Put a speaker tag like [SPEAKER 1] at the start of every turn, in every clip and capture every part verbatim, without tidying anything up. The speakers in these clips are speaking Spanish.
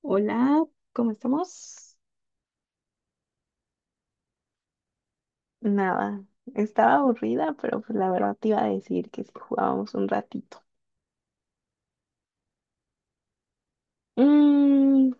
[SPEAKER 1] Hola, ¿cómo estamos? Nada, estaba aburrida, pero pues la verdad te iba a decir que si jugábamos un ratito. Mm,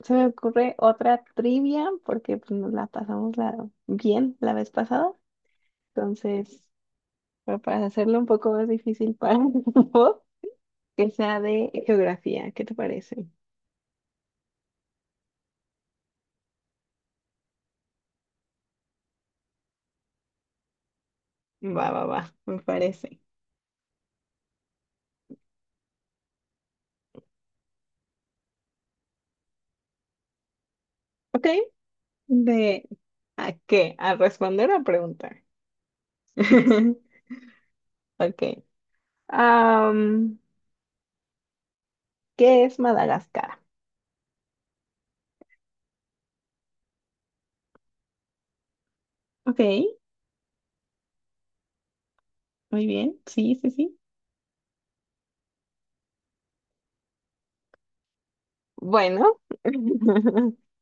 [SPEAKER 1] Se me ocurre otra trivia porque pues, nos la pasamos la- bien la vez pasada. Entonces, pero para hacerlo un poco más difícil para vos, que sea de geografía, ¿qué te parece? Va, va, va, me parece. Ok, ¿de a qué? ¿A responder a preguntar? Ok, ah, ¿qué es Madagascar? Ok, muy bien. Sí, sí, sí. Bueno,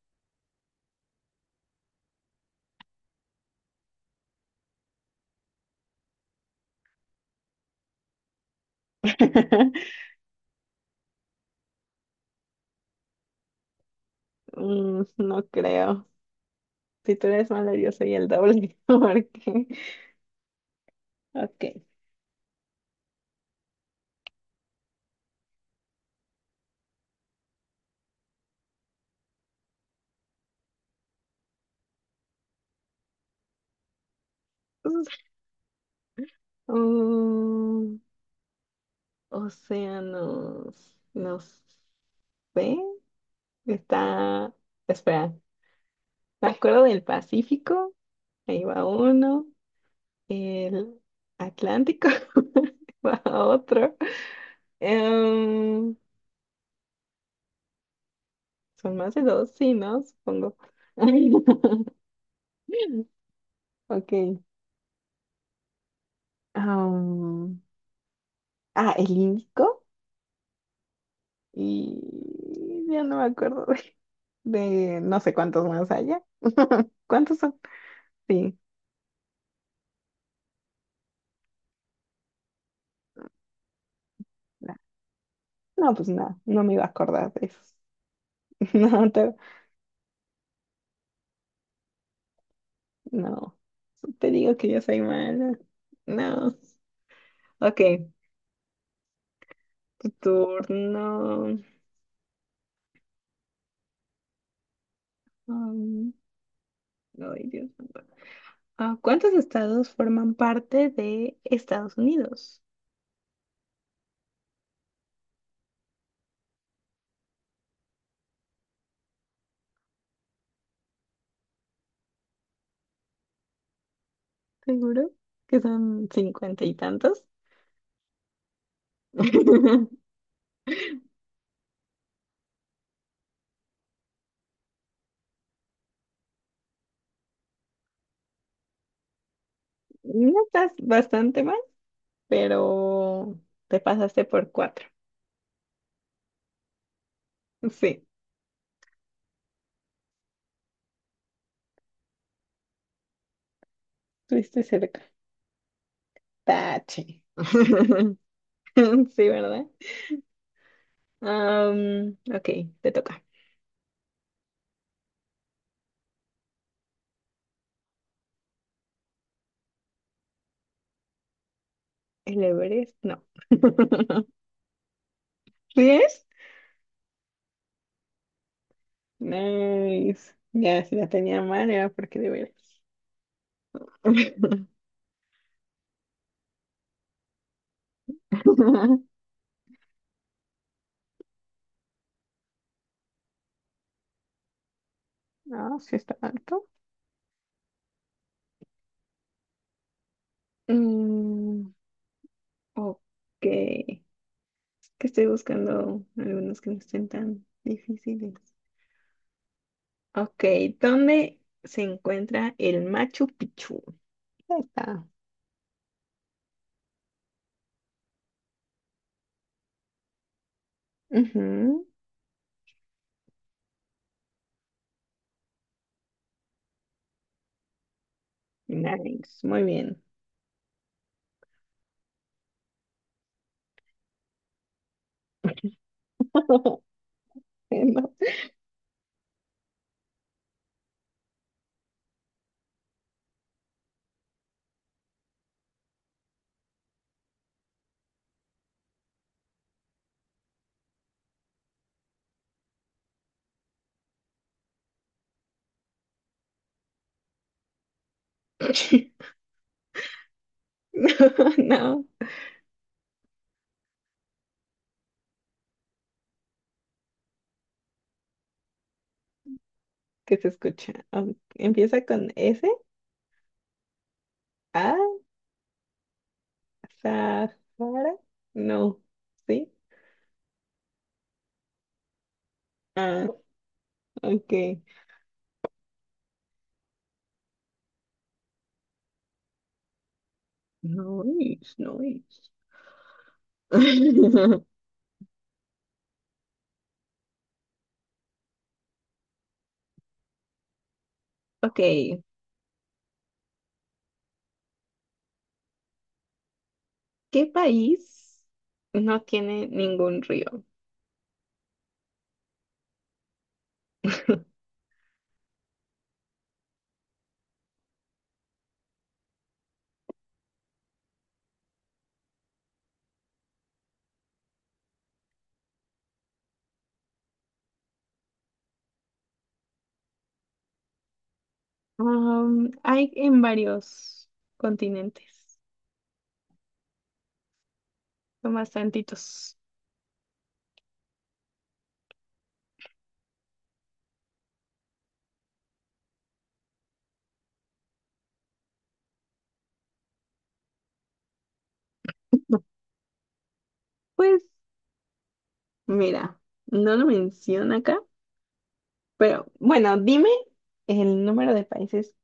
[SPEAKER 1] mm, no creo. Si tú eres malo, yo soy el doble. Porque, ok. Mm, océanos, no sé. Está, espera, me acuerdo del Pacífico. Ahí va uno. El Atlántico. Ahí va otro. Em, Son más de dos, sí, ¿no? Supongo. Ok. Am, ah, el Índico. Y ya no me acuerdo de, de no sé cuántos más allá. ¿Cuántos son? Sí. na- No, pues nada, no me iba a acordar de eso. No, te, no. Te digo que yo soy mala. No. Ok, tu turno. Am, ay, Dios mío. Ah, ¿cuántos estados forman parte de Estados Unidos? Seguro que son cincuenta y tantos. No estás bastante mal, pero te pasaste por cuatro. Sí, estuviste cerca. Tache. Sí, ¿verdad? Am, ok, te toca. ¿El Everest? No. ¿Sí es? Nice. Ya, si la tenía mal era porque de veras. No, sí está alto. Mm, ok, que estoy buscando algunos que no estén tan difíciles. Ok, ¿dónde se encuentra el Machu Picchu? Ahí está. Ujú, nice, muy bien. No. No, no, que se escucha. Am- Empieza con S, A, Sahara. No, ¿sí? Ah, ok. Nice, nice. Ok, ¿qué país no tiene ningún río? Am, hay en varios continentes, son bastantitos. Pues mira, no lo menciona acá, pero bueno, dime el número de países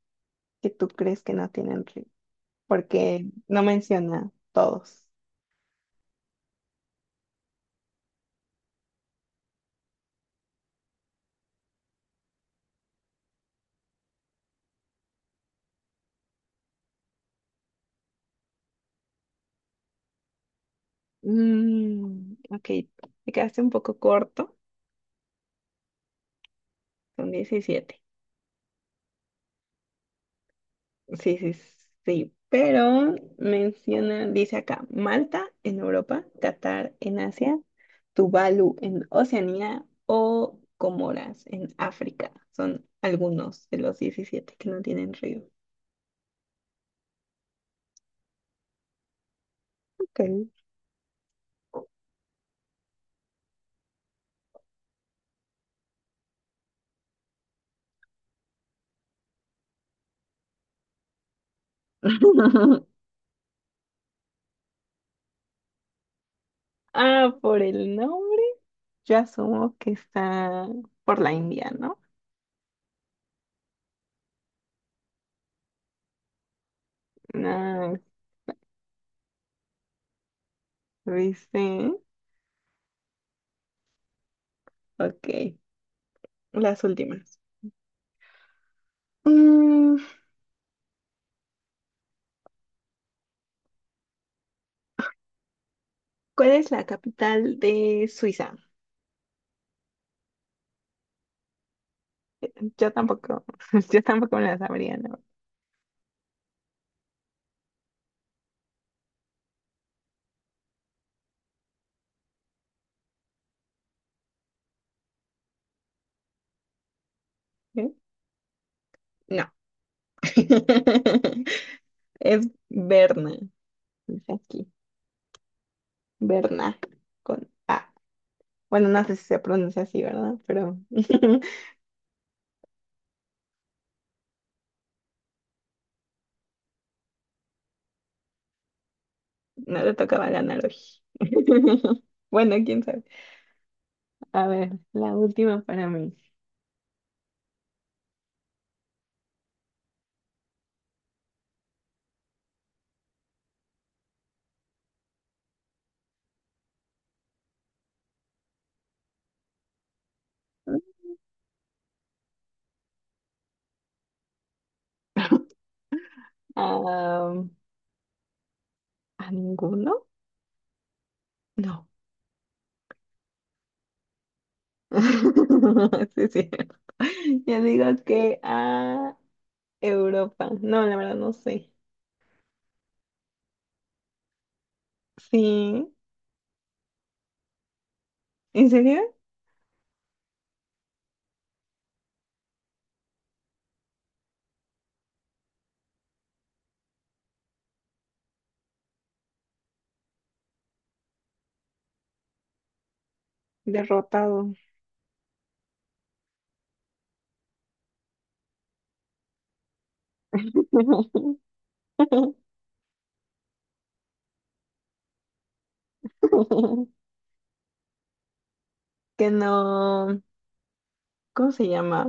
[SPEAKER 1] que tú crees que no tienen río, porque no menciona todos. Mm, ok, te quedaste un poco corto, son diecisiete. Sí, sí, sí, pero menciona, dice acá, Malta en Europa, Qatar en Asia, Tuvalu en Oceanía o Comoras en África. Son algunos de los diecisiete que no tienen río. Ok. Ah, por el nombre, yo asumo que está por la India, ¿no? Ah, dice, ok, las últimas. Mm, ¿cuál es la capital de Suiza? Yo tampoco, yo tampoco me la sabría, ¿no? ¿Eh? No. Es Berna. Dice aquí, Berna, con A. Bueno, no sé si se pronuncia así, ¿verdad? Pero no le tocaba ganar hoy. Bueno, quién sabe. A ver, la última para mí. Ah, ¿a ninguno? No. Sí, sí. Yo digo que a Europa. No, la verdad no sé. Sí. ¿En serio? Derrotado. Que no, ¿cómo se llama?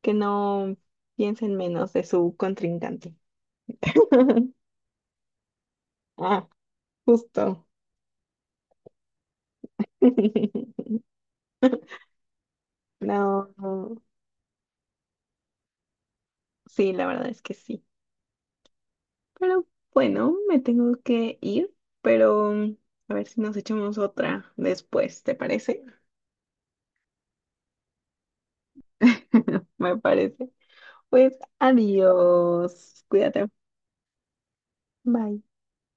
[SPEAKER 1] Que no piensen menos de su contrincante. Ah, justo. No, no, sí, la verdad es que sí. Pero bueno, me tengo que ir, pero a ver si nos echamos otra después, ¿te parece? Me parece. Pues adiós. Cuídate. Bye.